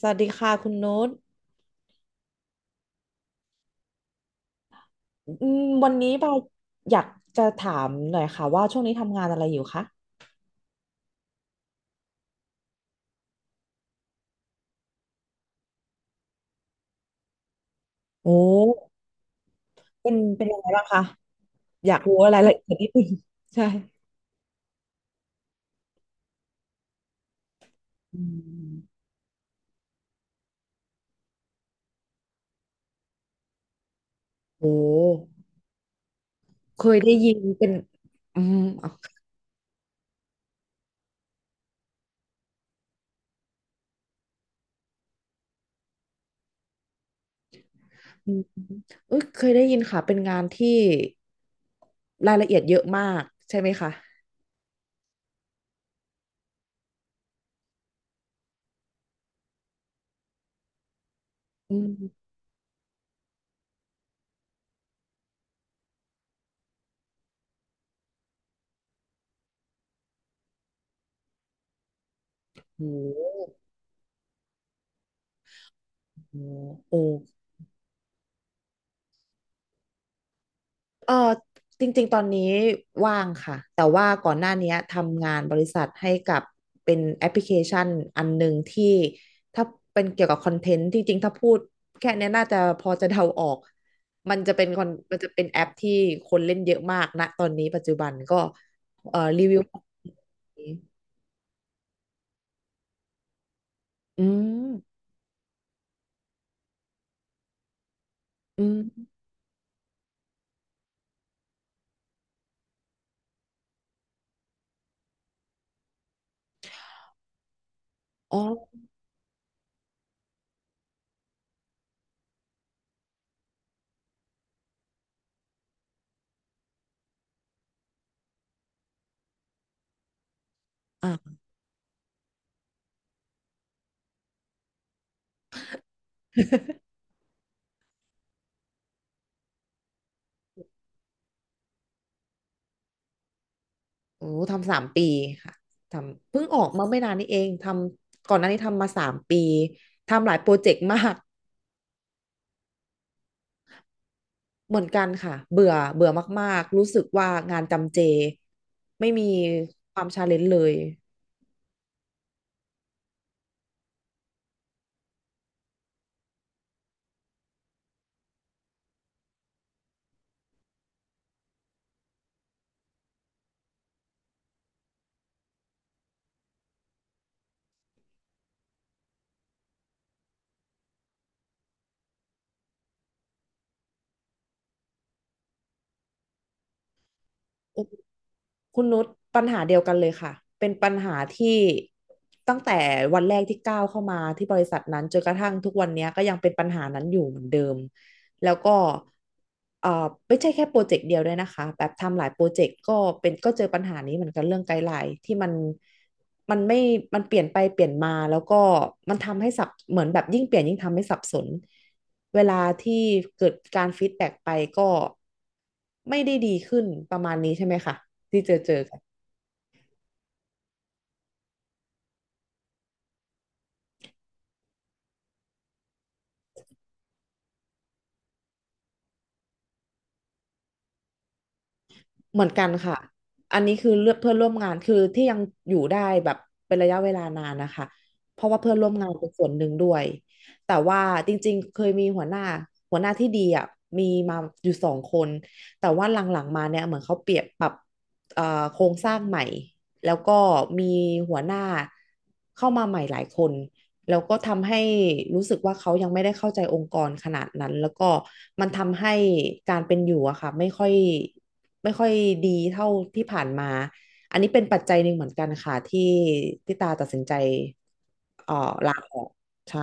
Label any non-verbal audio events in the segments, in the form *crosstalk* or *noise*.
สวัสดีค่ะคุณนุชอืมวันนี้เราอยากจะถามหน่อยค่ะว่าช่วงนี้ทำงานอะไรอยู่คะโอ้เป็นยังไงบ้างคะ อยากรู้รายละเอียดนิดนึง *laughs* ใช่อืมโอ้เคยได้ยินเป็น อืมเอาอืมเอ้ยเคยได้ยินค่ะเป็นงานที่รายละเอียดเยอะมากใช่ไหมคะอืมโอ้โหโอ้ เออจริงๆตอนนี้ว่างค่ะแต่ว่าก่อนหน้านี้ทำงานบริษัทให้กับเป็นแอปพลิเคชันอันหนึ่งที่ถ้าเป็นเกี่ยวกับคอนเทนต์ที่จริงถ้าพูดแค่เนี้ยน่าจะพอจะเดาออกมันจะเป็นคอนมันจะเป็นแอปที่คนเล่นเยอะมากนะตอนนี้ปัจจุบันก็รีวิวอืมอืมอ๋ออ่ะ *laughs* โอ้ทำสามปีค่ะทำเพิ่งออกมาไม่นานนี้เองทำก่อนหน้านี้ทำมาสามปีทำหลายโปรเจกต์มากเหมือนกันค่ะเบื่อเบื่อมากๆรู้สึกว่างานจำเจไม่มีความชาเลนจ์เลย คุณนุชปัญหาเดียวกันเลยค่ะเป็นปัญหาที่ตั้งแต่วันแรกที่ก้าวเข้ามาที่บริษัทนั้นจนกระทั่งทุกวันเนี้ยก็ยังเป็นปัญหานั้นอยู่เหมือนเดิมแล้วก็ไม่ใช่แค่โปรเจกต์เดียวด้วยนะคะแบบทำหลายโปรเจกต์ก็เป็นก็เจอปัญหานี้เหมือนกันเรื่องไกด์ไลน์ที่มันไม่มันเปลี่ยนไปเปลี่ยนมาแล้วก็มันทำให้สับเหมือนแบบยิ่งเปลี่ยนยิ่งทำให้สับสนเวลาที่เกิดการฟีดแบ็กไปก็ไม่ได้ดีขึ้นประมาณนี้ใช่ไหมคะ ที่เจอกันเหมือนกันค่ะอันนี้คือเลือกเพื่อนร่วมงานคือที่ยังอยู่ได้แบบเป็นระยะเวลานานนะคะเพราะว่าเพื่อนร่วมงานเป็นส่วนหนึ่งด้วยแต่ว่าจริงๆเคยมีหัวหน้าที่ดีอ่ะมีมาอยู่สองคนแต่ว่าหลังๆมาเนี่ยเหมือนเขาเปลี่ยบปรับเอ่อโครงสร้างใหม่แล้วก็มีหัวหน้าเข้ามาใหม่หลายคน แล้วก็ทำให้รู้สึกว่าเขายังไม่ได้เข้าใจองค์กรขนาดนั้นแล้วก็มันทำให้การเป็นอยู่อะค่ะไม่ค่อยดีเท่าที่ผ่านมาอันนี้เป็นปัจจัยหนึ่งเหมือนกันค่ะที่ตาตัดสินใจเอ่อลาออกใช่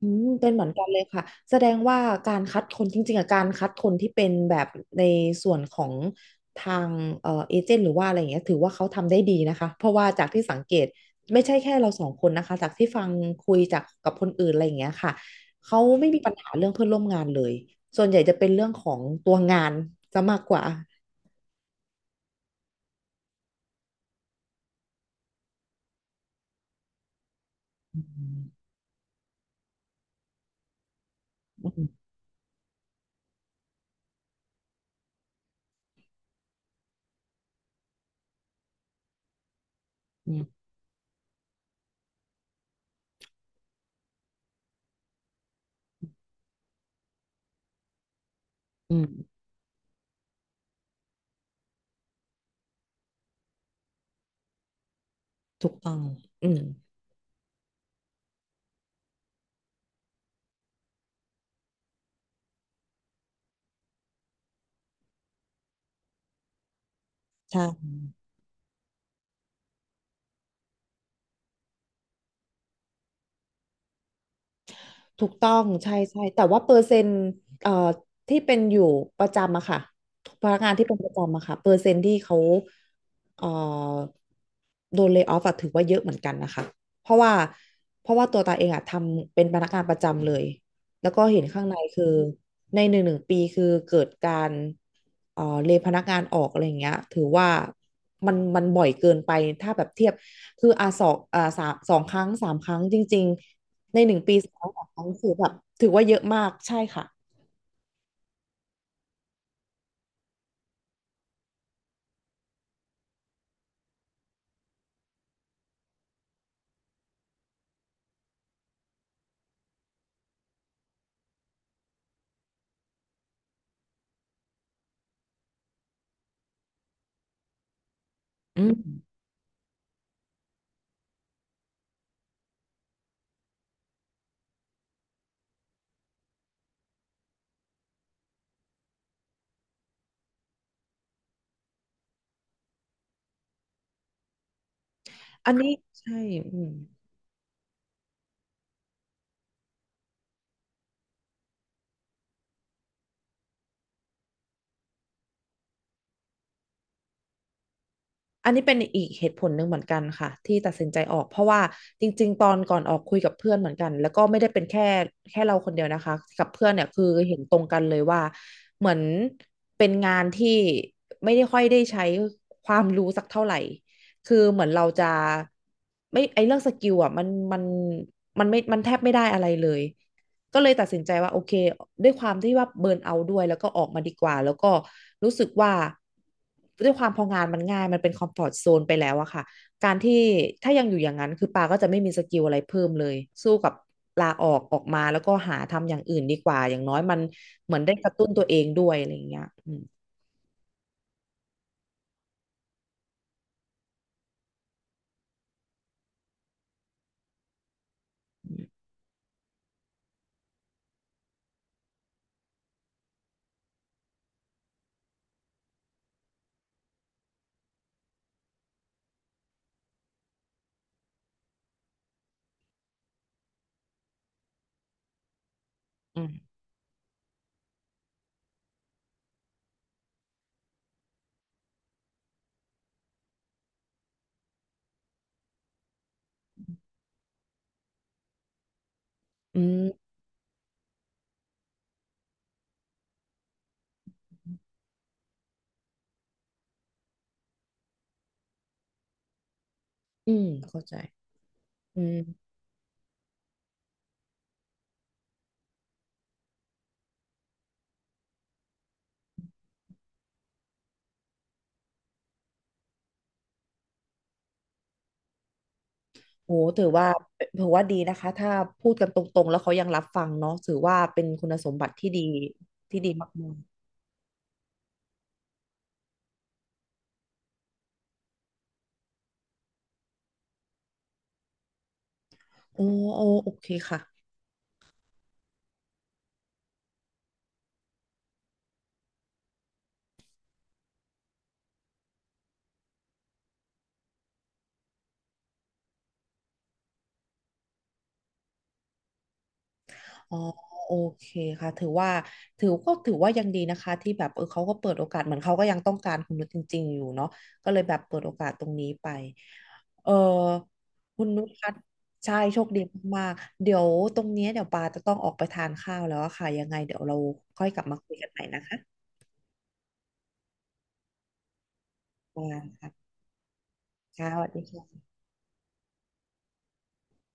อืมเป็นเหมือนกันเลยค่ะแสดงว่าการคัดคนจริงๆอะการคัดคนที่เป็นแบบในส่วนของทางเอเจนต์หรือว่าอะไรอย่างเงี้ยถือว่าเขาทำได้ดีนะคะเพราะว่าจากที่สังเกตไม่ใช่แค่เราสองคนนะคะจากที่ฟังคุยจากกับคนอื่นอะไรอย่างเงี้ยค่ะเขาไม่มีปัญหาเรื่องเพื่อนร่วมงานเลยส่วนใหญ่จะเป็นเรื่องของตัวงานจะมากกว่าอืมอืมอืมอืมถูกต้องอืมใช่ ถูกต้องใช่ใช่แต่ว่าเปอร์เซ็นต์เอ่อที่เป็นอยู่ประจำอะค่ะพนักงานที่เป็นประจำอะค่ะเปอร์เซ็นต์ที่เขาเอ่อโดนเล y off อะถือว่าเยอะเหมือนกันนะคะเพราะว่าตัวตาเองอะทำเป็นพนักงานประจำเลยแล้วก็เห็นข้างในคือในหนึ่งปีคือเกิดการเลยพนักงานออกอะไรอย่างเงี้ยถือว่ามันบ่อยเกินไปถ้าแบบเทียบคืออ่ะสองอ่ะสามสองครั้งสามครั้งจริง ในหนึ่งปีสองครั้งคือแบบถือว่าเยอะมากใช่ค่ะอืมอันนี้ใช่อืมอันนี้เป็นอีกเหตุผลหนึ่งเหมือนกันค่ะที่ตัดสินใจออกเพราะว่าจริงๆตอนก่อนออกคุยกับเพื่อนเหมือนกันแล้วก็ไม่ได้เป็นแค่เราคนเดียวนะคะกับเพื่อนเนี่ยคือเห็นตรงกันเลยว่าเหมือนเป็นงานที่ไม่ได้ค่อยได้ใช้ความรู้สักเท่าไหร่คือเหมือนเราจะไม่ไอเรื่องสกิลอ่ะมันมันมันไม่มันแทบไม่ได้อะไรเลย ก็เลยตัดสินใจว่าโอเคด้วยความที่ว่าเบิร์นเอาท์ด้วยแล้วก็ออกมาดีกว่าแล้วก็รู้สึกว่าด้วยความพองานมันง่ายมันเป็นคอมฟอร์ z โซนไปแล้วอะค่ะการที่ถ้ายังอยู่อย่างนั้นคือปาก็จะไม่มีสกิลอะไรเพิ่มเลยสู้กับลาออกออกมาแล้วก็หาทำอย่างอื่นดีกว่าอย่างน้อยมันเหมือนได้กระตุ้นตัวเองด้วยอะไรอย่างเงี้ยอืมอืมอืมอืมเข้าใจอืม โหถือว่าดีนะคะถ้าพูดกันตรงๆแล้วเขายังรับฟังเนาะถือว่าเป็นคุณสมบัติที่ดีที่ดีมากๆโอ้โอ้โอเคค่ะอ๋อโอเคค่ะถือว่าถือก็ถือว่ายังดีนะคะที่แบบเออเขาก็เปิดโอกาสเหมือนเขาก็ยังต้องการคุณนุชจริงๆอยู่เนาะก็เลยแบบเปิดโอกาสตรงนี้ไปเออคุณนุชคะใช่โชคดีมากๆเดี๋ยวตรงเนี้ยเดี๋ยวปาจะต้องออกไปทานข้าวแล้วอะค่ะยังไงเดี๋ยวเราค่อยกลับมาคุยกันใหม่นะคะปาค่ะค่ะสวัสดีค่ะ